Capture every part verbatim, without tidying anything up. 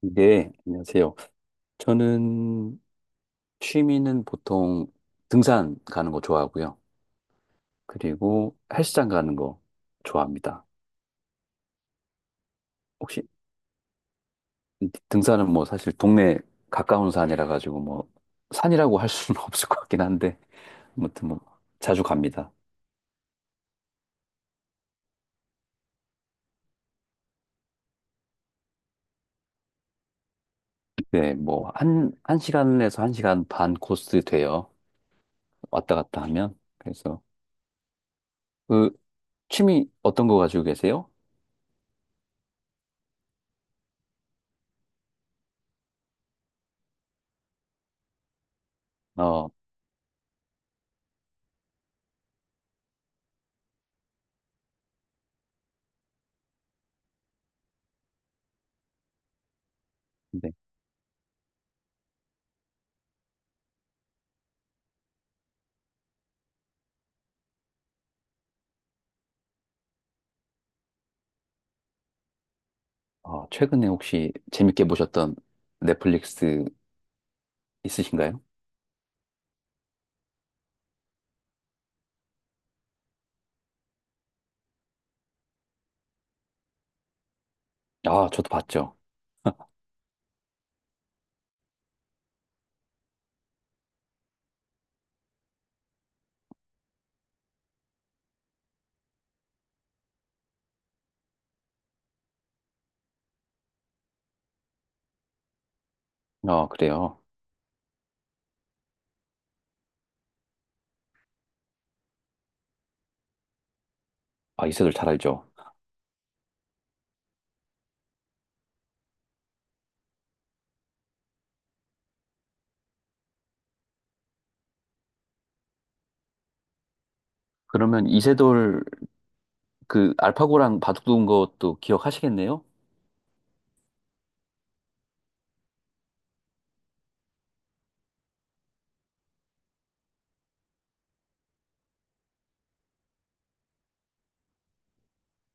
네, 안녕하세요. 저는 취미는 보통 등산 가는 거 좋아하고요. 그리고 헬스장 가는 거 좋아합니다. 혹시 등산은 뭐 사실 동네 가까운 산이라 가지고 뭐 산이라고 할 수는 없을 것 같긴 한데 아무튼 뭐 자주 갑니다. 네, 뭐 한, 한 시간에서 한 시간 반 코스 돼요. 왔다 갔다 하면. 그래서 그 취미 어떤 거 가지고 계세요? 어, 네. 아, 최근에 혹시 재밌게 보셨던 넷플릭스 있으신가요? 아, 저도 봤죠. 아, 그래요. 아, 이세돌 잘 알죠. 그러면 이세돌 그 알파고랑 바둑 두는 것도 기억하시겠네요?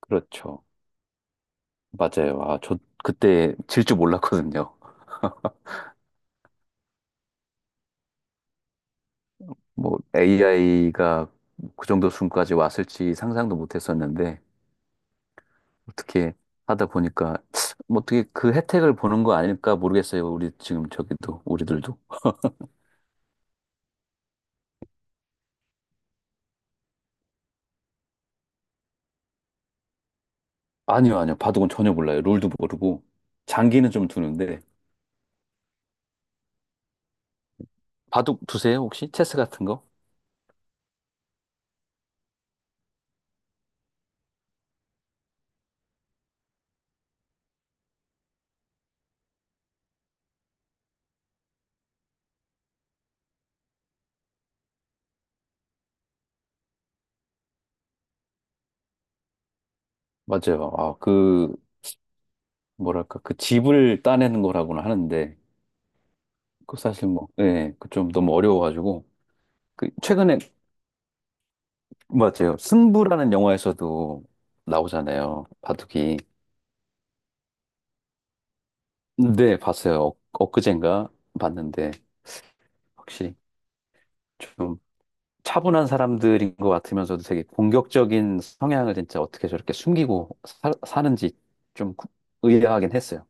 그렇죠. 맞아요. 아, 저 그때 질 줄 몰랐거든요. 뭐 에이아이가 그 정도 수준까지 왔을지 상상도 못 했었는데 어떻게 하다 보니까 뭐 어떻게 그 혜택을 보는 거 아닐까 모르겠어요. 우리 지금 저기도 우리들도. 아니요, 아니요. 바둑은 전혀 몰라요. 룰도 모르고. 장기는 좀 두는데. 바둑 두세요, 혹시? 체스 같은 거? 맞아요. 아, 그, 뭐랄까, 그 집을 따내는 거라고는 하는데, 그 사실 뭐, 예, 그 좀 너무 어려워가지고. 그, 최근에, 맞아요. 승부라는 영화에서도 나오잖아요. 바둑이. 네, 봤어요. 엊- 엊그젠가 봤는데, 확실히 좀 차분한 사람들인 것 같으면서도 되게 공격적인 성향을 진짜 어떻게 저렇게 숨기고 사, 사는지 좀 구- 의아하긴 했어요.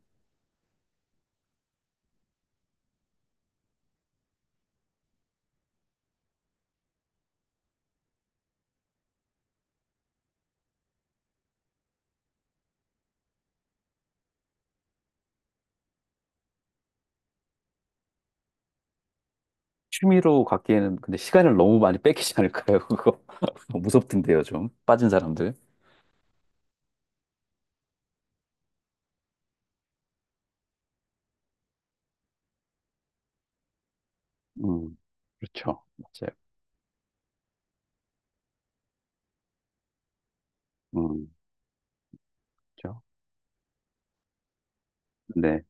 취미로 갖기에는 근데 시간을 너무 많이 뺏기지 않을까요? 그거 무섭던데요, 좀 빠진 사람들. 음, 그렇죠, 맞아요. 음, 그렇죠. 네,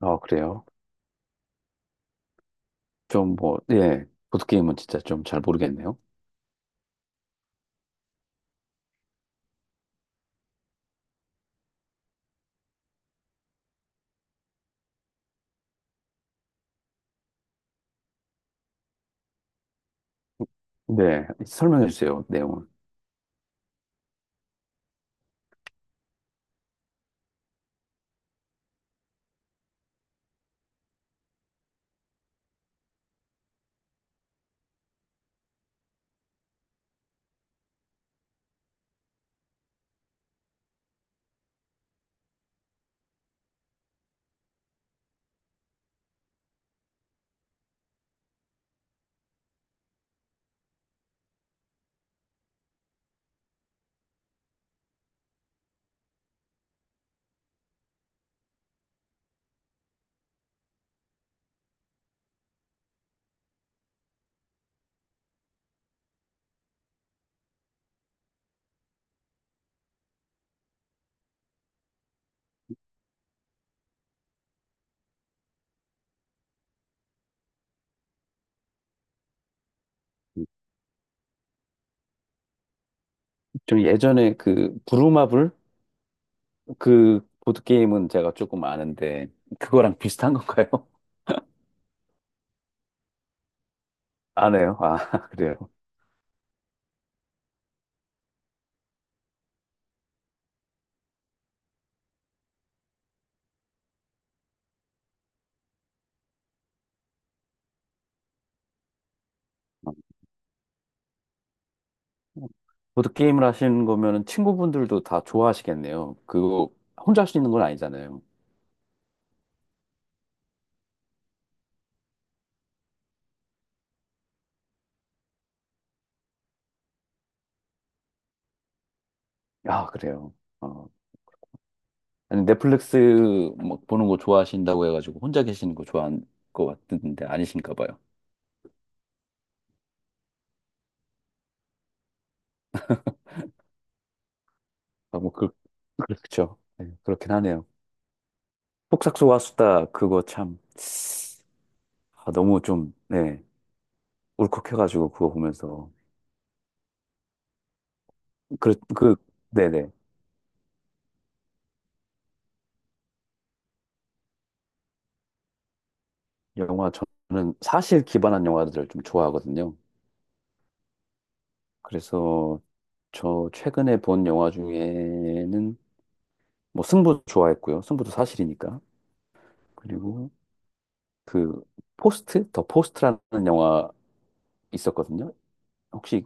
아 그래요. 좀 뭐, 예, 보드 게임은 진짜 좀 잘 모르겠네요. 네, 설명해 주세요, 내용을. 음. 좀 예전에 그 부루마블 그 보드게임은 제가 조금 아는데, 그거랑 비슷한 건가요? 안 해요? 아, 그래요? 어, 보드게임을 하시는 거면은 친구분들도 다 좋아하시겠네요. 그거 혼자 할 수 있는 건 아니잖아요. 아, 그래요? 어. 아니, 넷플릭스 뭐 보는 거 좋아하신다고 해가지고 혼자 계시는 거 좋아하는 것 같은데 아니신가 봐요. 아, 뭐, 그, 그렇죠. 네, 그렇긴 하네요. 폭삭소와 수다, 그거 참, 아, 너무 좀, 네, 울컥해가지고 그거 보면서. 그, 그, 네네. 영화 저는 사실 기반한 영화들을 좀 좋아하거든요. 그래서 저 최근에 본 영화 중에는 뭐 승부 좋아했고요. 승부도 사실이니까. 그리고 그 포스트, 더 포스트라는 영화 있었거든요. 혹시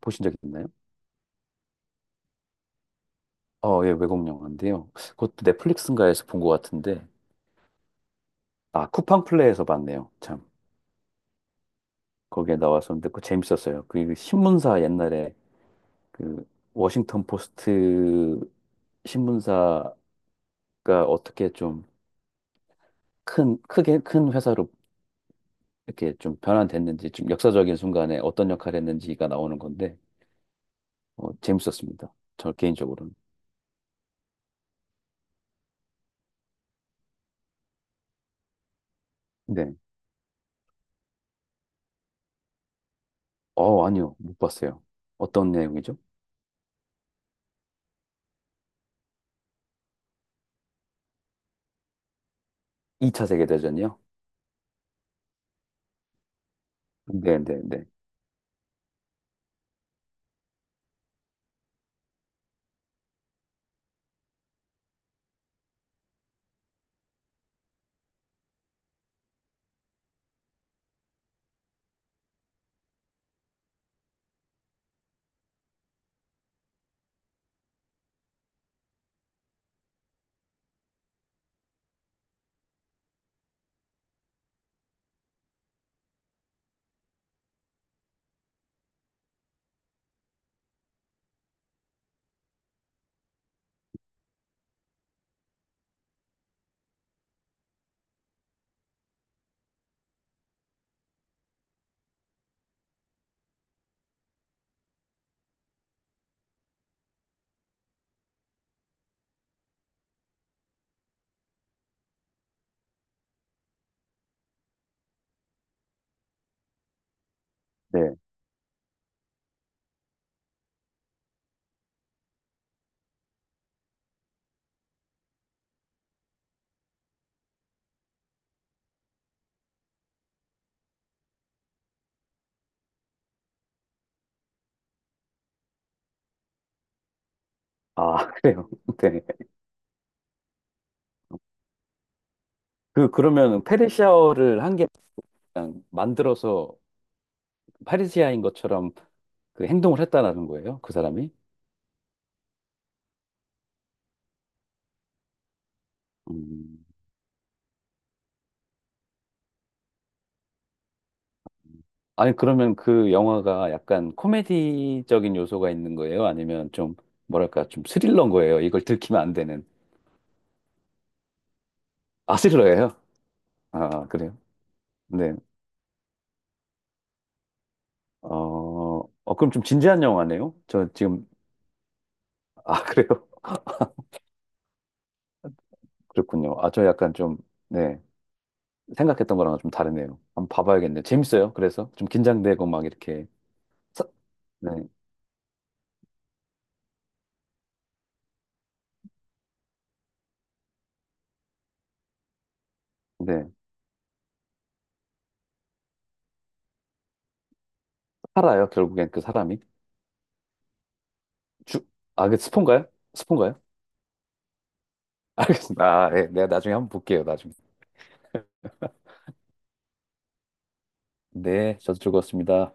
보신 적 있나요? 어, 예, 외국 영화인데요. 그것도 넷플릭스인가에서 본 것 같은데, 아, 쿠팡플레이에서 봤네요. 참. 거기에 나왔었는데, 그거 재밌었어요. 그 신문사 옛날에 그 워싱턴 포스트 신문사 그러니까 어떻게 좀 큰, 크게 큰 회사로 이렇게 좀 변환됐는지, 좀 역사적인 순간에 어떤 역할을 했는지가 나오는 건데, 어, 재밌었습니다. 저 개인적으로는. 네. 어, 아니요. 못 봤어요. 어떤 내용이죠? 이 차 세계대전이요? 네, 네, 네. 네. 아, 그래요. 네. 그, 그러면 페르시아어를 한 개 그냥 만들어서 페르시아인 것처럼 그 행동을 했다라는 거예요? 그 사람이? 음. 아니, 그러면 그 영화가 약간 코미디적인 요소가 있는 거예요? 아니면 좀, 뭐랄까, 좀 스릴러인 거예요? 이걸 들키면 안 되는. 아, 스릴러예요? 아, 그래요? 네. 어, 어, 그럼 좀 진지한 영화네요? 저 지금, 아, 그래요? 그렇군요. 아, 저 약간 좀, 네. 생각했던 거랑 좀 다르네요. 한번 봐봐야겠네요. 재밌어요. 그래서 좀 긴장되고 막 이렇게. 사- 네. 네. 살아요. 결국엔 그 사람이. 주, 아, 그 스폰가요? 스폰가요? 알겠습니다. 아, 네. 내가 나중에 한번 볼게요. 나중에. 네, 저도 즐거웠습니다.